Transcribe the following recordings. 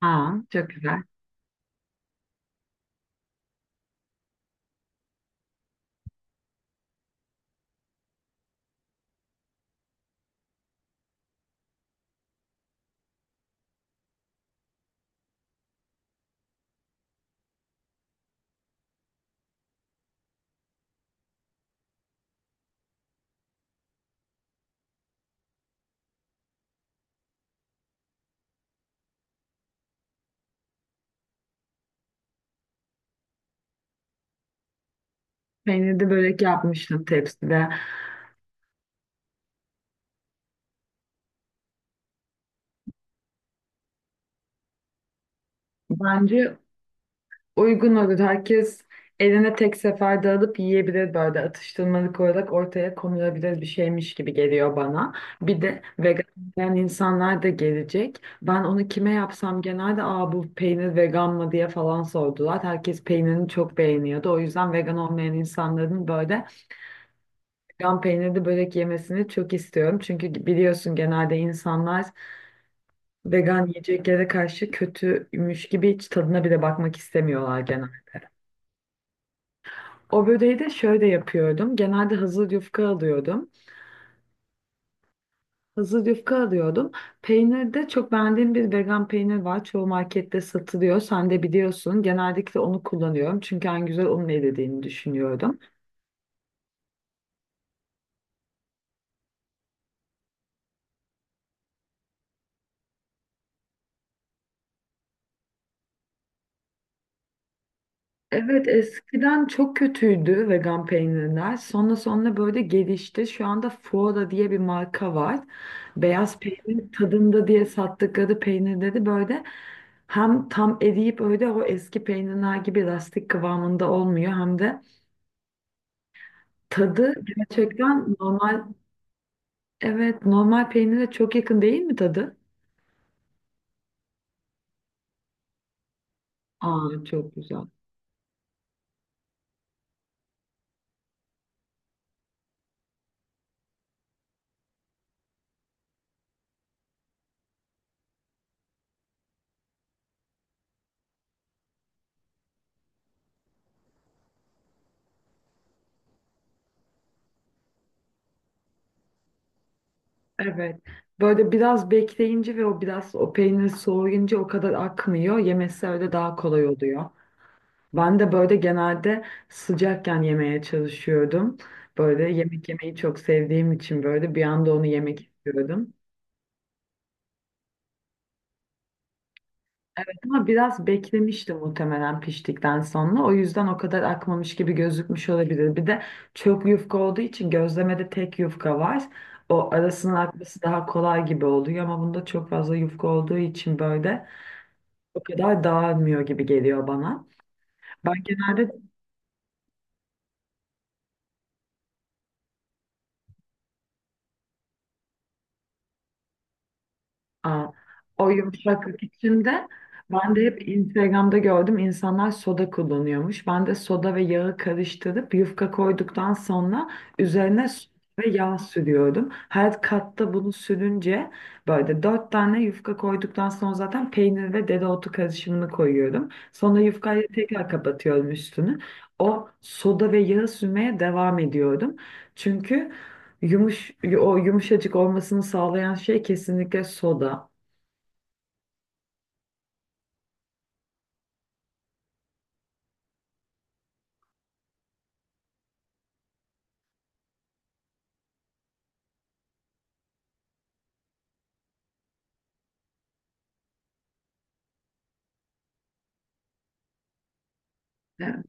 Aa, çok güzel. Peynirli börek yapmıştım tepside. Bence uygun olur. Herkes eline tek seferde alıp yiyebilir, böyle atıştırmalık olarak ortaya konulabilir bir şeymiş gibi geliyor bana. Bir de vegan yiyen insanlar da gelecek. Ben onu kime yapsam genelde aa bu peynir vegan mı diye falan sordular. Herkes peynirini çok beğeniyordu. O yüzden vegan olmayan insanların böyle vegan peynirli börek yemesini çok istiyorum. Çünkü biliyorsun genelde insanlar vegan yiyeceklere karşı kötüymüş gibi hiç tadına bile bakmak istemiyorlar genelde. O böreği de şöyle yapıyordum. Genelde hazır yufka alıyordum. Hazır yufka alıyordum. Peynirde çok beğendiğim bir vegan peynir var. Çoğu markette satılıyor. Sen de biliyorsun. Genellikle onu kullanıyorum. Çünkü en güzel onun elde edildiğini düşünüyorum. Evet, eskiden çok kötüydü vegan peynirler. Sonra sonra böyle gelişti. Şu anda Foora diye bir marka var. Beyaz peynir tadında diye sattıkları peynirleri böyle hem tam eriyip öyle o eski peynirler gibi lastik kıvamında olmuyor hem de tadı gerçekten normal, evet, normal peynire çok yakın değil mi tadı? Aa, çok güzel. Evet. Böyle biraz bekleyince ve o biraz o peynir soğuyunca o kadar akmıyor. Yemesi öyle daha kolay oluyor. Ben de böyle genelde sıcakken yemeye çalışıyordum. Böyle yemek yemeyi çok sevdiğim için böyle bir anda onu yemek istiyordum. Evet, ama biraz beklemişti muhtemelen piştikten sonra. O yüzden o kadar akmamış gibi gözükmüş olabilir. Bir de çok yufka olduğu için gözlemede tek yufka var. O arasının akması daha kolay gibi oluyor ama bunda çok fazla yufka olduğu için böyle o kadar dağılmıyor gibi geliyor bana. Ben genelde Aa, o yumuşaklık içinde ben de hep Instagram'da gördüm insanlar soda kullanıyormuş. Ben de soda ve yağı karıştırıp yufka koyduktan sonra üzerine süt ve yağ sürüyorum. Her katta bunu sürünce böyle dört tane yufka koyduktan sonra zaten peynir ve dereotu karışımını koyuyorum. Sonra yufkayı tekrar kapatıyorum üstünü. O soda ve yağı sürmeye devam ediyorum. Çünkü yumuş, o yumuşacık olmasını sağlayan şey kesinlikle soda. Evet,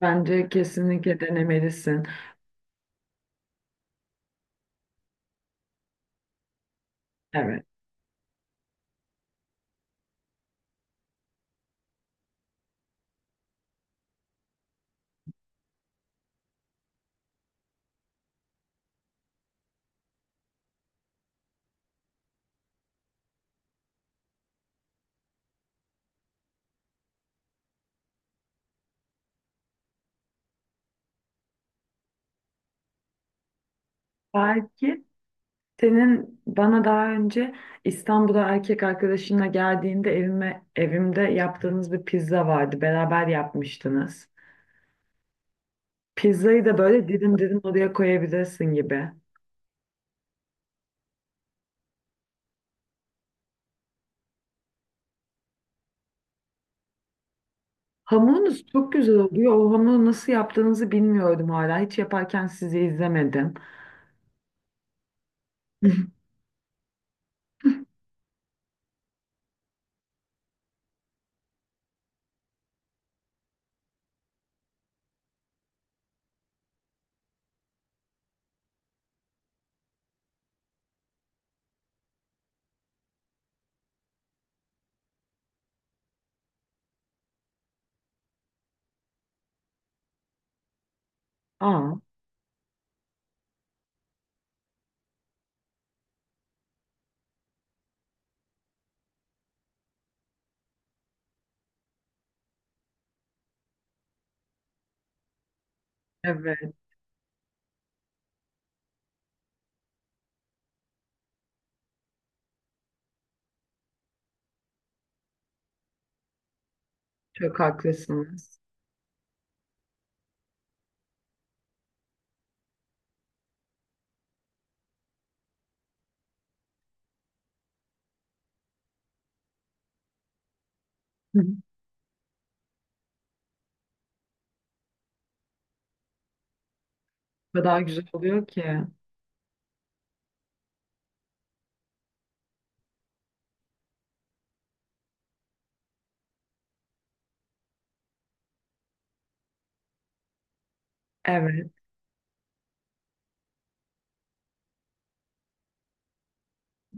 bence kesinlikle denemelisin. Evet. Belki senin bana daha önce İstanbul'a erkek arkadaşınla geldiğinde evime, evimde yaptığınız bir pizza vardı. Beraber yapmıştınız. Pizzayı da böyle dilim dilim oraya koyabilirsin gibi. Hamurunuz çok güzel oluyor. O hamuru nasıl yaptığınızı bilmiyordum hala. Hiç yaparken sizi izlemedim. Aa, evet, çok haklısınız. O kadar güzel oluyor ki. Evet.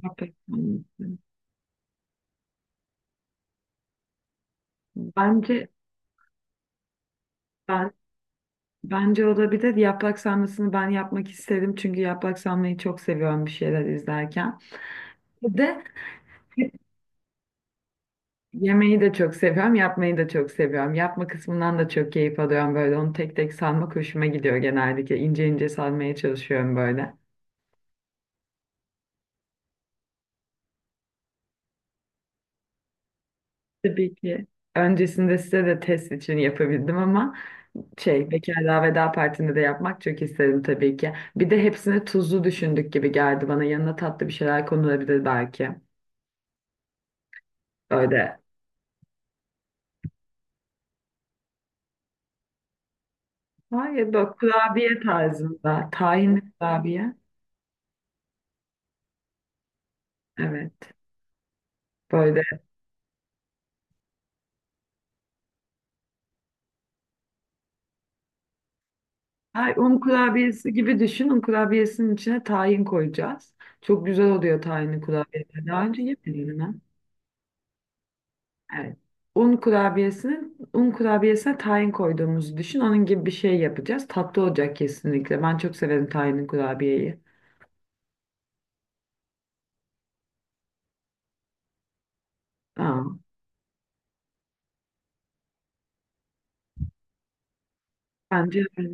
Aferin. Bence ben bence o da bir de yaprak sarmasını ben yapmak isterim çünkü yaprak sarmayı çok seviyorum bir şeyler izlerken. Bir de yemeği de çok seviyorum, yapmayı da çok seviyorum. Yapma kısmından da çok keyif alıyorum, böyle onu tek tek sarmak hoşuma gidiyor genellikle. İnce ince sarmaya çalışıyorum böyle. Tabii ki. Öncesinde size de test için yapabildim ama şey Bekarlığa Veda Partisi'nde de yapmak çok isterim tabii ki. Bir de hepsini tuzlu düşündük gibi geldi bana. Yanına tatlı bir şeyler konulabilir belki. Öyle, var ya, böyle kurabiye tarzında. Tahinli kurabiye. Evet. Böyle. Ay, un kurabiyesi gibi düşün. Un kurabiyesinin içine tahin koyacağız. Çok güzel oluyor tahinli kurabiye. Daha önce yemedim ben. Evet. Un kurabiyesinin, un kurabiyesine tahin koyduğumuzu düşün. Onun gibi bir şey yapacağız. Tatlı olacak kesinlikle. Ben çok severim tahinli kurabiyeyi. Aa, bence öyle.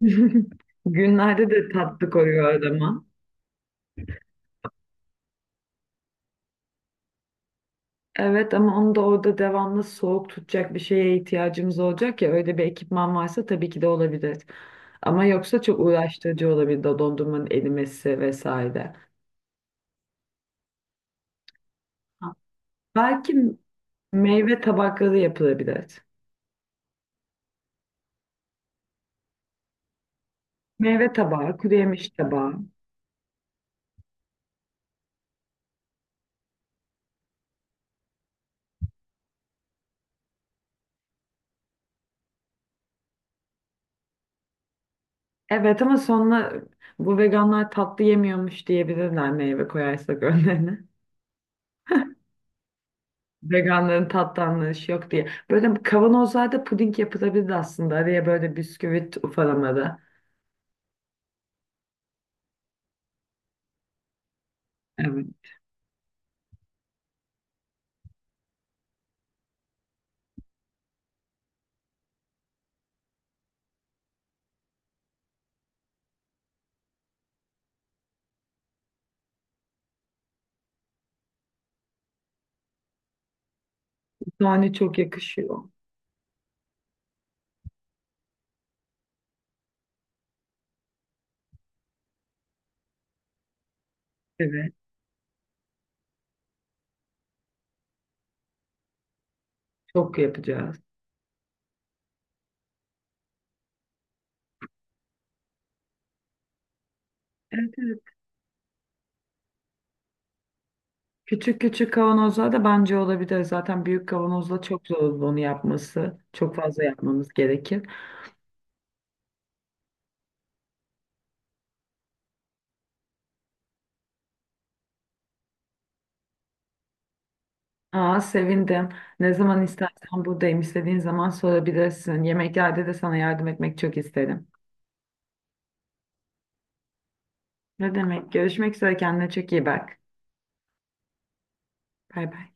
Günlerde de tatlı koyuyor adama. Evet, ama onu da orada devamlı soğuk tutacak bir şeye ihtiyacımız olacak ya, öyle bir ekipman varsa tabii ki de olabilir. Ama yoksa çok uğraştırıcı olabilir de dondurmanın erimesi vesaire. Ha, belki meyve tabakları yapılabilir. Meyve tabağı, kuru yemiş tabağı. Evet ama sonra bu veganlar tatlı yemiyormuş diyebilirler meyve koyarsak önlerine. Veganların tatlı anlayışı yok diye. Böyle kavanozlarda puding yapılabilir aslında. Araya böyle bisküvit ufalamada. Evet. Tane çok yakışıyor. Evet. Çok yapacağız. Evet, evet. Küçük küçük kavanozlar da bence olabilir. Zaten büyük kavanozla çok zor olur onu yapması. Çok fazla yapmamız gerekir. Aa, sevindim. Ne zaman istersen buradayım. İstediğin zaman sorabilirsin. Yemeklerde de sana yardım etmek çok isterim. Ne demek? Görüşmek üzere. Kendine çok iyi bak. Bay bay.